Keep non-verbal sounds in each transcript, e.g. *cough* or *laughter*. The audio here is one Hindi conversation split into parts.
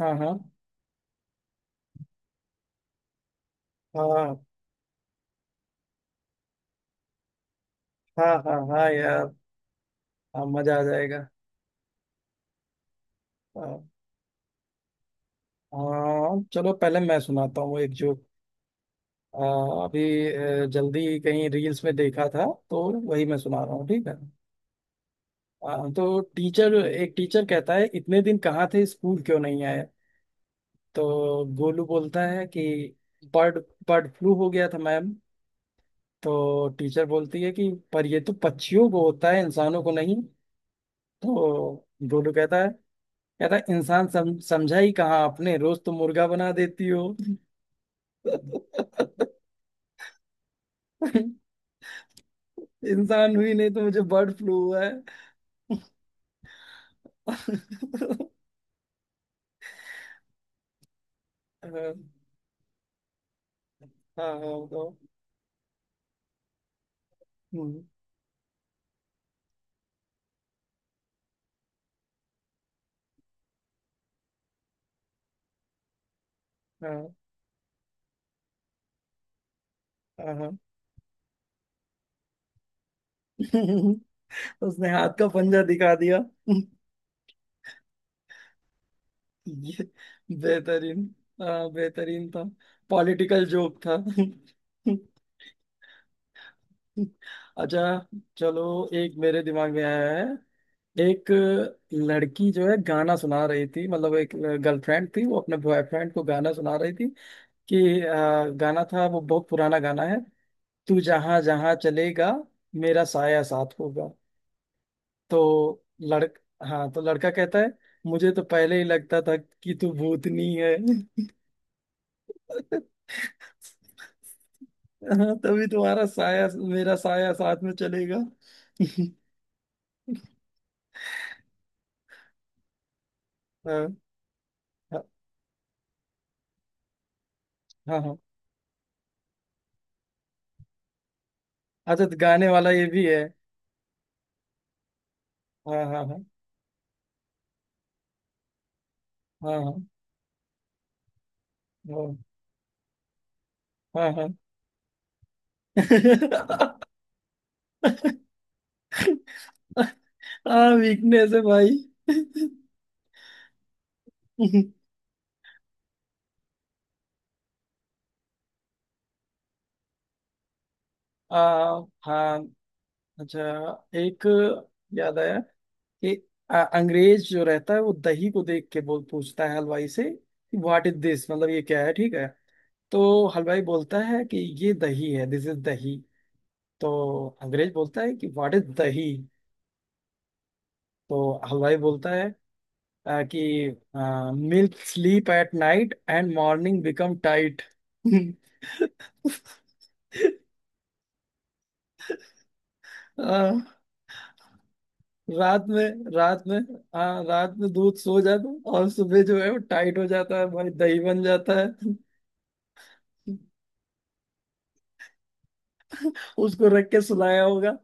हाँ हाँ हाँ हाँ हाँ हाँ यार। हाँ, मजा आ जाएगा। हाँ। हाँ, चलो पहले मैं सुनाता हूँ एक जोक। आ, अभी जल्दी कहीं रील्स में देखा था। तो वही मैं सुना रहा हूँ, ठीक है। तो टीचर, एक टीचर कहता है इतने दिन कहाँ थे, स्कूल क्यों नहीं आए। तो गोलू बोलता है कि बर्ड बर्ड फ्लू हो गया था मैम। तो टीचर बोलती है कि पर ये तो पक्षियों को होता है, इंसानों को नहीं। तो गोलू कहता है यार इंसान समझा ही कहाँ आपने, रोज तो मुर्गा बना देती हो। *laughs* इंसान हुई नहीं तो मुझे बर्ड फ्लू हुआ है। *laughs* हाँ। हाँ हाँ। बताओ। हम्म, हाँ हाँ। हाँ। *laughs* उसने हाथ का पंजा दिखा दिया। *laughs* ये बेहतरीन। हाँ बेहतरीन था। पॉलिटिकल जोक था। *laughs* अच्छा। चलो एक मेरे दिमाग में आया है। एक लड़की जो है गाना सुना रही थी, मतलब एक गर्लफ्रेंड थी, वो अपने बॉयफ्रेंड को गाना सुना रही थी कि गाना था, वो बहुत पुराना गाना है, तू जहां जहां चलेगा मेरा साया साथ होगा। तो लड़क हाँ, तो लड़का कहता है मुझे तो पहले ही लगता था कि तू भूतनी है। *laughs* हाँ तभी तुम्हारा साया मेरा साया साथ में चलेगा। *laughs* हाँ हाँ हाँ हाँ। अच्छा, तो गाने वाला ये भी है। हाँ हाँ हाँ हाँ हाँ हाँ। हाँ हाँ। *laughs* आ वीकनेस है भाई। *laughs* आ हाँ अच्छा। एक याद आया कि अंग्रेज जो रहता है वो दही को देख के बोल पूछता है हलवाई से कि व्हाट इज दिस, मतलब ये क्या है, ठीक है। तो हलवाई बोलता है कि ये दही है, दिस इज दही। तो अंग्रेज बोलता है कि व्हाट इज दही। तो हलवाई बोलता है कि milk sleep at night and morning become tight. *laughs* रात में, रात में, हाँ रात में दूध सो जाता है और सुबह जो है वो टाइट हो जाता है भाई, दही बन जाता है। उसको रख के सुलाया होगा।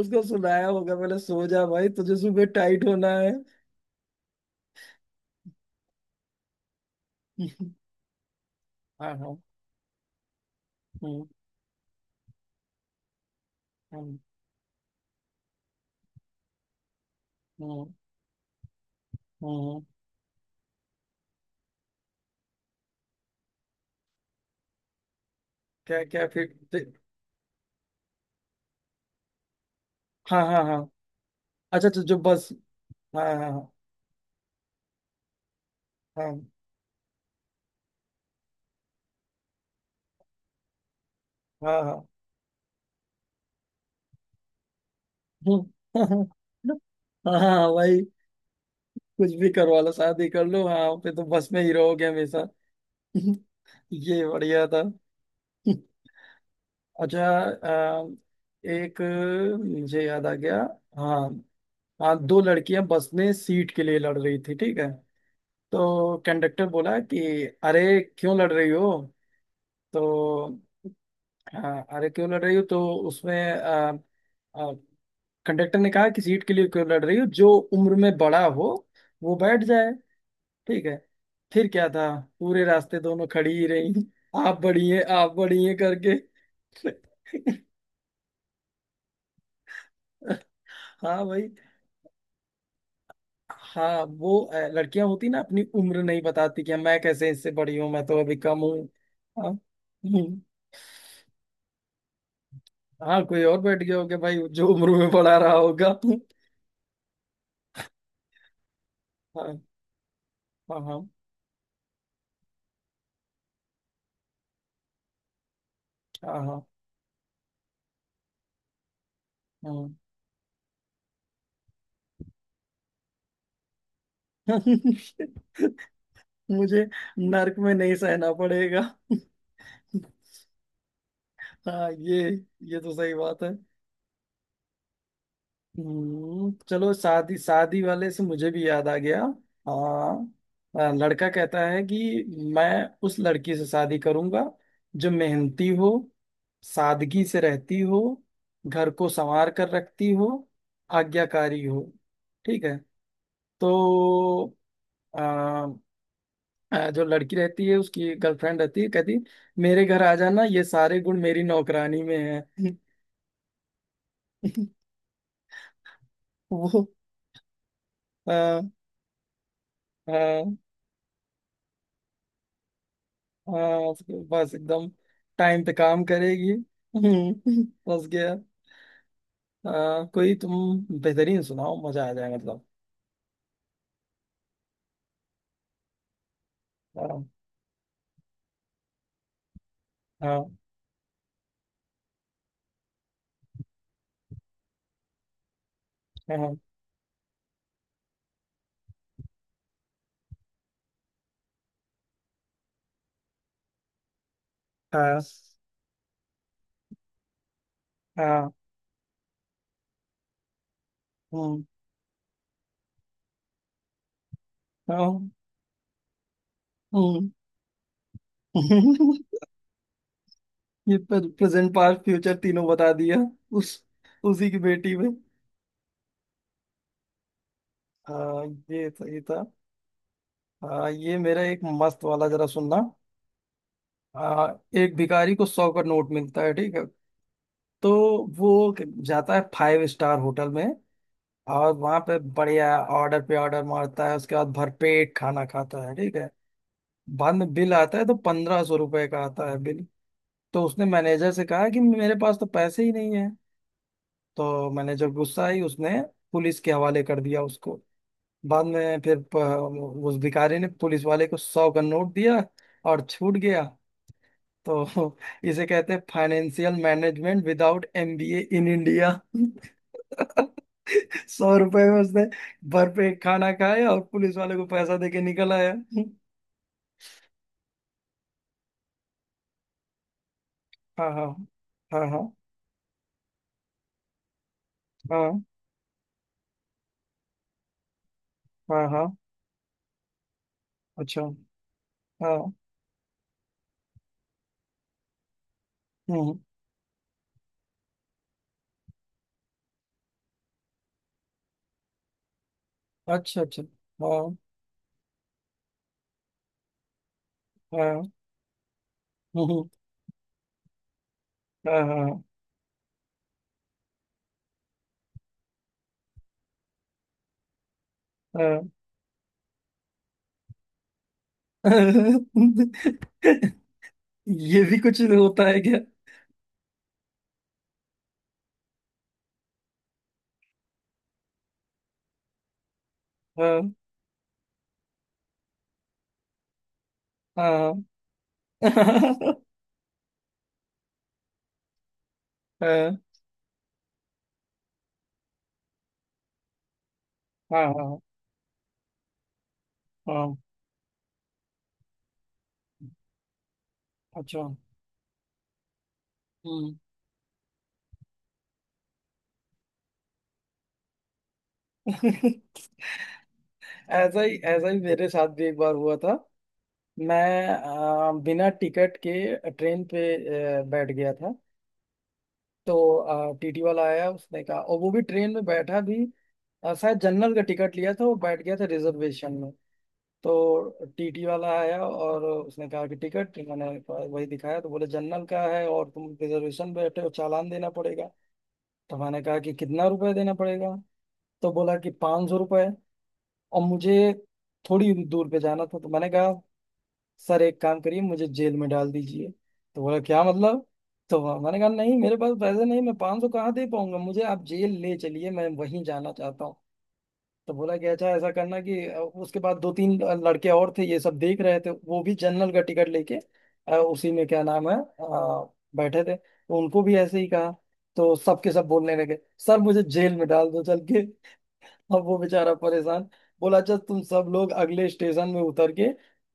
उसको सुलाया होगा, पहले सो जा भाई तुझे सुबह टाइट होना है। *laughs* हाँ हाँ। हम्म हम्म हम्म हम्म। क्या क्या हाँ हाँ हाँ। अच्छा अच्छा जो बस। हाँ हाँ हाँ हाँ हाँ हाँ। हूँ। *laughs* हाँ भाई कुछ भी करवा लो, शादी कर लो, हाँ फिर तो बस में ही रहोगे हमेशा। *laughs* ये बढ़िया था। *laughs* अच्छा। एक मुझे याद आ गया। हाँ। हाँ, दो लड़कियां बस में सीट के लिए लड़ रही थी, ठीक है। तो कंडक्टर बोला कि अरे क्यों लड़ रही हो। तो हाँ, अरे क्यों लड़ रही हो तो उसमें अ, कंडक्टर ने कहा कि सीट के लिए क्यों लड़ रही हो, जो उम्र में बड़ा हो वो बैठ जाए, ठीक है। फिर क्या था, पूरे रास्ते दोनों खड़ी ही रही, आप बड़ी हैं करके। हाँ भाई। हाँ वो लड़कियां होती ना अपनी उम्र नहीं बताती, कि मैं कैसे इससे बड़ी हूँ, मैं तो अभी कम हूँ। हाँ हम्म। हाँ कोई और बैठ गया होगा भाई जो उम्र में पढ़ा रहा होगा। हाँ हाँ हाँ हाँ हाँ। हाँ। *laughs* मुझे नर्क में नहीं सहना पड़ेगा। हाँ ये तो सही बात है। चलो शादी शादी वाले से मुझे भी याद आ गया। हाँ। लड़का कहता है कि मैं उस लड़की से शादी करूंगा जो मेहनती हो, सादगी से रहती हो, घर को संवार कर रखती हो, आज्ञाकारी हो, ठीक है। तो अ, जो लड़की रहती है उसकी गर्लफ्रेंड रहती है, कहती मेरे घर आ जाना, ये सारे गुण मेरी नौकरानी में है। *laughs* वो। हाँ हाँ, उसके पास एकदम टाइम पे काम करेगी। बस गया। हाँ कोई तुम बेहतरीन सुनाओ, मजा आ जाए मतलब। हाँ हाँ हाँ हाँ हाँ। हम्म। हाँ, हम्म। *laughs* ये प्रेजेंट पास्ट फ्यूचर तीनों बता दिया। उस उसी की बेटी में। हाँ ये सही था। हाँ ये मेरा एक मस्त वाला जरा सुनना। हाँ। एक भिखारी को 100 का नोट मिलता है, ठीक है। तो वो जाता है फाइव स्टार होटल में और वहां पे बढ़िया ऑर्डर पे ऑर्डर मारता है, उसके बाद भरपेट खाना खाता है, ठीक है। बाद में बिल आता है तो 1500 रुपए का आता है बिल। तो उसने मैनेजर से कहा कि मेरे पास तो पैसे ही नहीं है। तो मैनेजर गुस्सा आई, उसने पुलिस के हवाले कर दिया उसको। बाद में फिर उस भिखारी ने पुलिस वाले को 100 का नोट दिया और छूट गया। तो *laughs* इसे कहते हैं financial management without MBA in India. *laughs* 100 रुपए में उसने भरपेट खाना खाया और पुलिस वाले को पैसा देके निकल आया। हाँ हाँ हाँ हाँ हाँ हाँ हाँ। अच्छा। हाँ। हम्म। अच्छा अच्छा। हाँ हाँ। हम्म, हाँ हाँ हाँ। *laughs* ये भी कुछ होता है क्या। हाँ हाँ हाँ हाँ हाँ। हाँ, हाँ, अच्छा। हम्म। *laughs* ऐसा ही, ऐसा ही मेरे साथ भी एक बार हुआ था। मैं बिना टिकट के ट्रेन पे बैठ गया था। तो टीटी वाला आया उसने कहा, और वो भी ट्रेन में बैठा भी शायद जनरल का टिकट लिया था, वो बैठ गया था रिजर्वेशन में। तो टीटी वाला आया और उसने कहा कि टिकट, मैंने कहा- वही दिखाया, तो बोले जनरल का है और तुम रिजर्वेशन बैठे हो, चालान देना पड़ेगा। तो मैंने कहा कि कितना रुपए देना पड़ेगा। तो बोला कि 500 रुपए। और मुझे थोड़ी दूर पे जाना था, तो मैंने कहा सर एक काम करिए, मुझे जेल में डाल दीजिए। तो बोला क्या मतलब। तो मैंने कहा नहीं मेरे पास पैसे नहीं, मैं 500 कहाँ दे पाऊंगा, मुझे आप जेल ले चलिए, मैं वहीं जाना चाहता हूँ। तो बोला कि अच्छा ऐसा करना कि, उसके बाद दो तीन लड़के और थे ये सब देख रहे थे, वो भी जनरल का टिकट लेके उसी में क्या नाम है बैठे थे, तो उनको भी ऐसे ही कहा। तो सबके सब बोलने लगे सर मुझे जेल में डाल दो चल के। अब वो बेचारा परेशान बोला अच्छा तुम सब लोग अगले स्टेशन में उतर के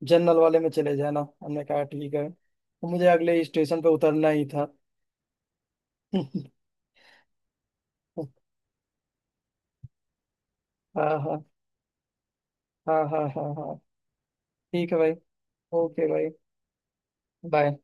जनरल वाले में चले जाना, हमने कहा ठीक है, तो मुझे अगले स्टेशन पे उतरना ही था। *laughs* हाँ हाँ हाँ हाँ हाँ हाँ। ठीक है भाई। ओके भाई। बाय।